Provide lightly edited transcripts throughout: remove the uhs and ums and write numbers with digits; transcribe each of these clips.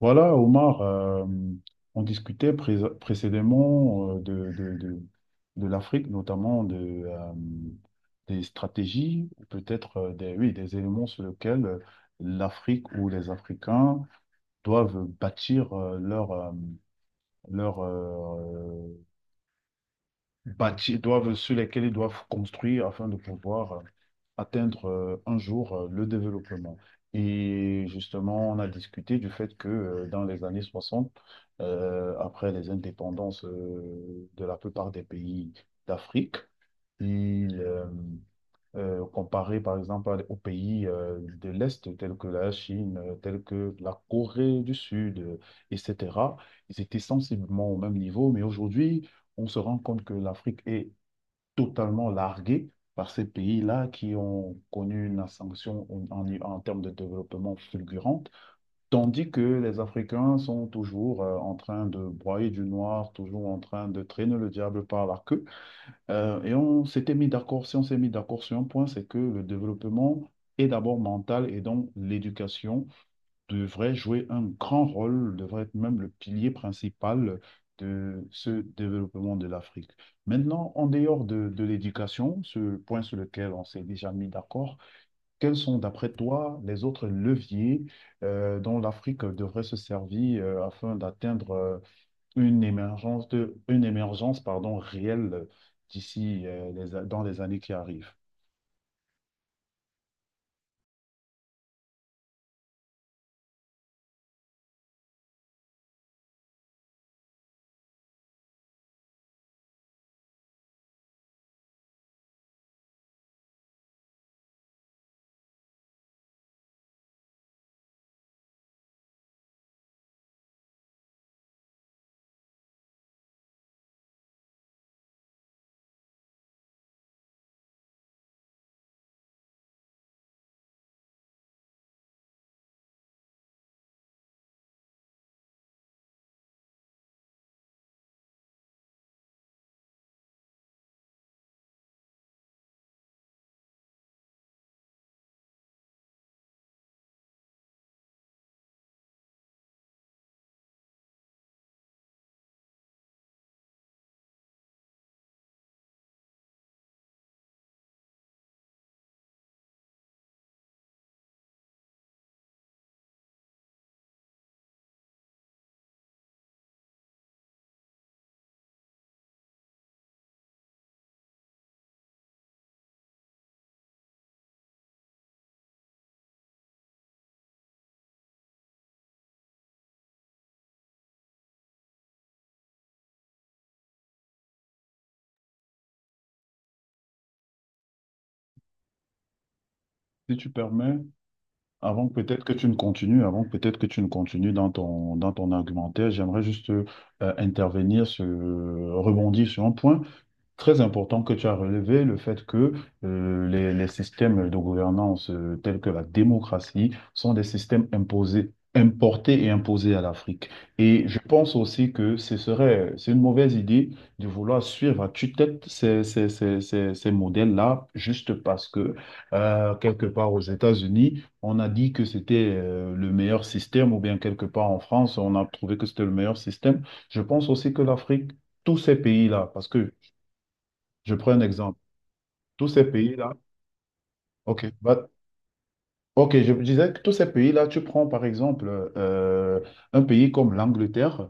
Voilà, Omar, on discutait précédemment de l'Afrique, notamment de des stratégies, ou peut-être des éléments sur lesquels l'Afrique ou les Africains doivent bâtir leur euh, sur lesquels ils doivent construire afin de pouvoir atteindre un jour le développement. Et justement, on a discuté du fait que dans les années 60 après les indépendances de la plupart des pays d'Afrique, il, euh, comparé par exemple aux pays de l'Est, tels que la Chine, tels que la Corée du Sud, etc., ils étaient sensiblement au même niveau, mais aujourd'hui, on se rend compte que l'Afrique est totalement largués par ces pays-là qui ont connu une ascension en termes de développement fulgurante, tandis que les Africains sont toujours en train de broyer du noir, toujours en train de traîner le diable par la queue. Et on s'était mis d'accord, si on s'est mis d'accord sur un point, c'est que le développement est d'abord mental et donc l'éducation devrait jouer un grand rôle, devrait être même le pilier principal de ce développement de l'Afrique. Maintenant, en dehors de l'éducation, ce point sur lequel on s'est déjà mis d'accord, quels sont, d'après toi, les autres leviers dont l'Afrique devrait se servir afin d'atteindre une émergence, pardon, réelle d'ici dans les années qui arrivent? Si tu permets, avant que peut-être que tu ne continues, avant que peut-être que tu ne continues dans ton argumentaire, j'aimerais juste intervenir, sur, rebondir sur un point. Très important que tu as relevé le fait que les systèmes de gouvernance tels que la démocratie sont des systèmes imposés, importés et imposés à l'Afrique. Et je pense aussi que c'est une mauvaise idée de vouloir suivre à tue-tête ces modèles-là juste parce que quelque part aux États-Unis, on a dit que c'était le meilleur système ou bien quelque part en France, on a trouvé que c'était le meilleur système. Je pense aussi que l'Afrique, tous ces pays-là, parce que je prends un exemple. Tous ces pays-là, ok, va- ok, je disais que tous ces pays-là, tu prends par exemple euh, un pays comme l'Angleterre.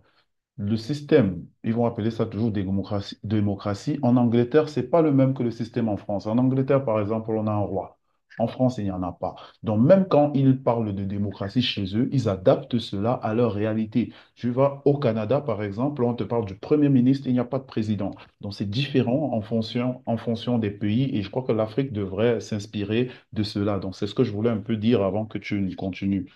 Le système, ils vont appeler ça toujours démocratie, démocratie. En Angleterre, c'est pas le même que le système en France. En Angleterre, par exemple, on a un roi. En France, il n'y en a pas. Donc, même quand ils parlent de démocratie chez eux, ils adaptent cela à leur réalité. Tu vas au Canada, par exemple, on te parle du Premier ministre, il n'y a pas de président. Donc, c'est différent en fonction des pays et je crois que l'Afrique devrait s'inspirer de cela. Donc, c'est ce que je voulais un peu dire avant que tu ne continues.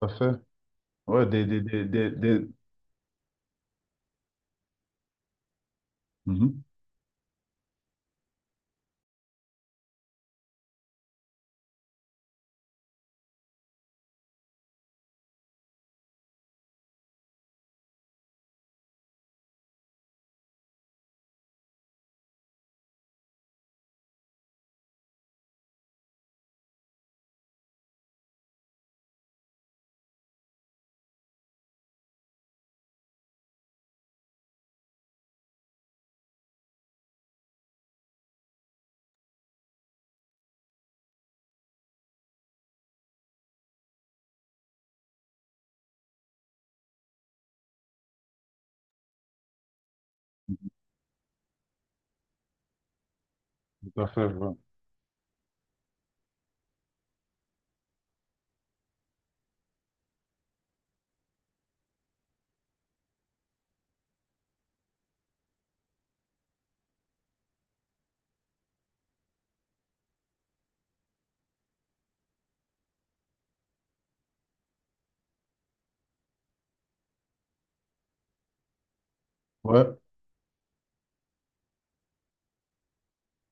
Tout à fait. Ouais, mhm. Tout à fait, ouais. Ouais.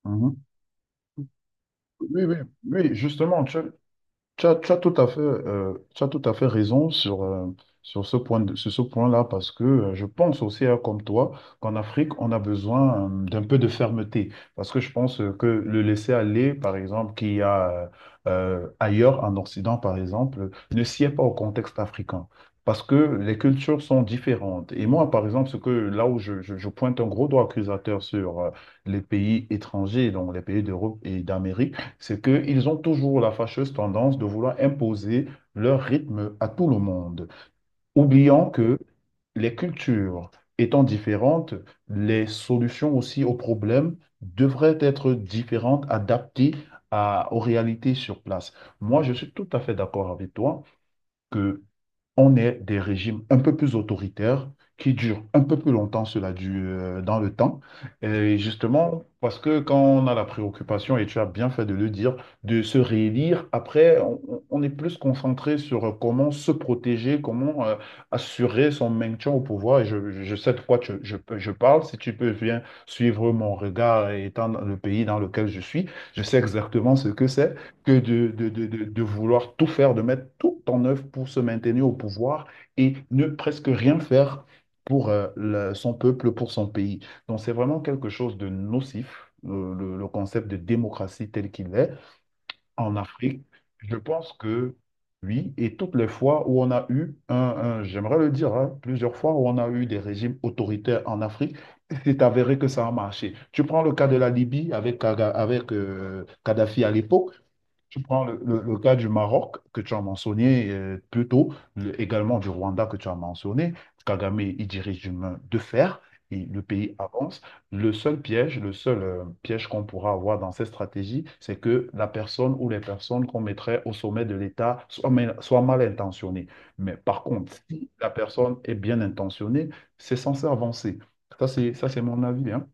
Mhm. Oui, oui, oui, justement, tu as, tu as tout à fait, tu as tout à fait raison sur, sur ce point-là, parce que je pense aussi, hein, comme toi, qu'en Afrique, on a besoin d'un peu de fermeté. Parce que je pense que le laisser aller, par exemple, qu'il y a ailleurs en Occident, par exemple, ne sied pas au contexte africain. Parce que les cultures sont différentes. Et moi, par exemple, ce que là où je pointe un gros doigt accusateur sur les pays étrangers, donc les pays d'Europe et d'Amérique, c'est qu'ils ont toujours la fâcheuse tendance de vouloir imposer leur rythme à tout le monde, oubliant que les cultures étant différentes, les solutions aussi aux problèmes devraient être différentes, adaptées aux réalités sur place. Moi, je suis tout à fait d'accord avec toi que on est des régimes un peu plus autoritaires qui durent un peu plus longtemps, cela dans le temps. Et justement, parce que quand on a la préoccupation, et tu as bien fait de le dire, de se réélire, après, on est plus concentré sur comment se protéger, comment assurer son maintien au pouvoir. Et je sais de quoi je parle. Si tu peux bien suivre mon regard étant dans le pays dans lequel je suis, je sais exactement ce que c'est que de vouloir tout faire, de mettre tout en œuvre pour se maintenir au pouvoir et ne presque rien faire pour son peuple, pour son pays. Donc c'est vraiment quelque chose de nocif, le concept de démocratie tel qu'il est en Afrique. Je pense que oui, et toutes les fois où on a eu un, j'aimerais le dire, hein, plusieurs fois où on a eu des régimes autoritaires en Afrique, c'est avéré que ça a marché. Tu prends le cas de la Libye avec, Kadhafi à l'époque. Tu prends le cas du Maroc que tu as mentionné plus tôt, également du Rwanda que tu as mentionné. Kagame, il dirige d'une main de fer et le pays avance. Le seul piège qu'on pourra avoir dans cette stratégie, c'est que la personne ou les personnes qu'on mettrait au sommet de l'État soient mal intentionnées. Mais par contre, si la personne est bien intentionnée, c'est censé avancer. Ça, c'est mon avis, hein.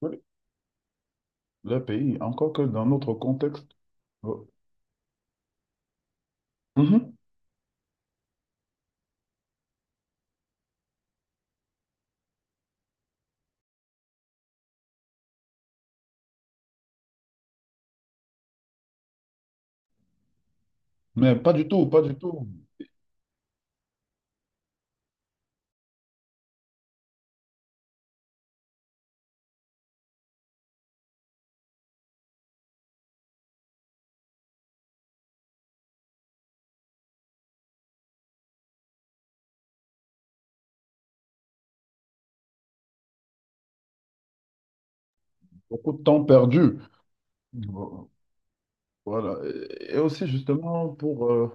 Oui, le pays, encore que dans notre contexte. euh, mhm. Mais pas du tout, pas du tout. Beaucoup de temps perdu. Voilà. Et aussi, justement, pour,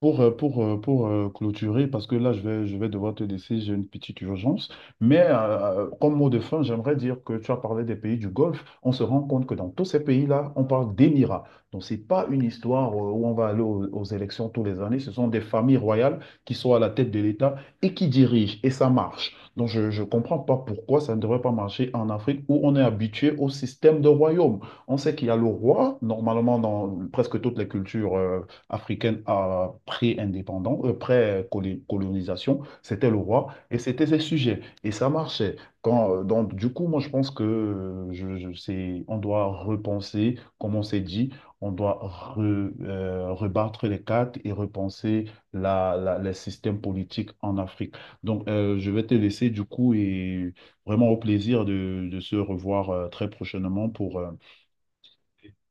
pour, pour, clôturer, parce que là, je vais devoir te laisser, j'ai une petite urgence. Mais comme mot de fin, j'aimerais dire que tu as parlé des pays du Golfe. On se rend compte que dans tous ces pays-là, on parle d'émirats. Donc, ce n'est pas une histoire où on va aller aux, aux élections tous les années. Ce sont des familles royales qui sont à la tête de l'État et qui dirigent. Et ça marche. Donc, je ne comprends pas pourquoi ça ne devrait pas marcher en Afrique où on est habitué au système de royaume. On sait qu'il y a le roi, normalement, dans presque toutes les cultures. Africaine à pré-indépendance, pré-colonisation, c'était le roi et c'était ses sujets. Et ça marchait. Du coup, moi, je pense que c'est, on doit repenser, comme on s'est dit, on doit rebattre les cartes et repenser les systèmes politiques en Afrique. Donc, je vais te laisser, du coup, et vraiment au plaisir de se revoir très prochainement pour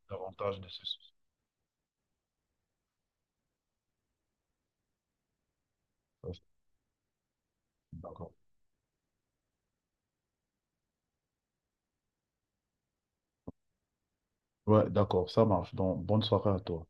davantage de ce sujet. D'accord. Ouais, d'accord, ça marche. Donc, bonne soirée à toi.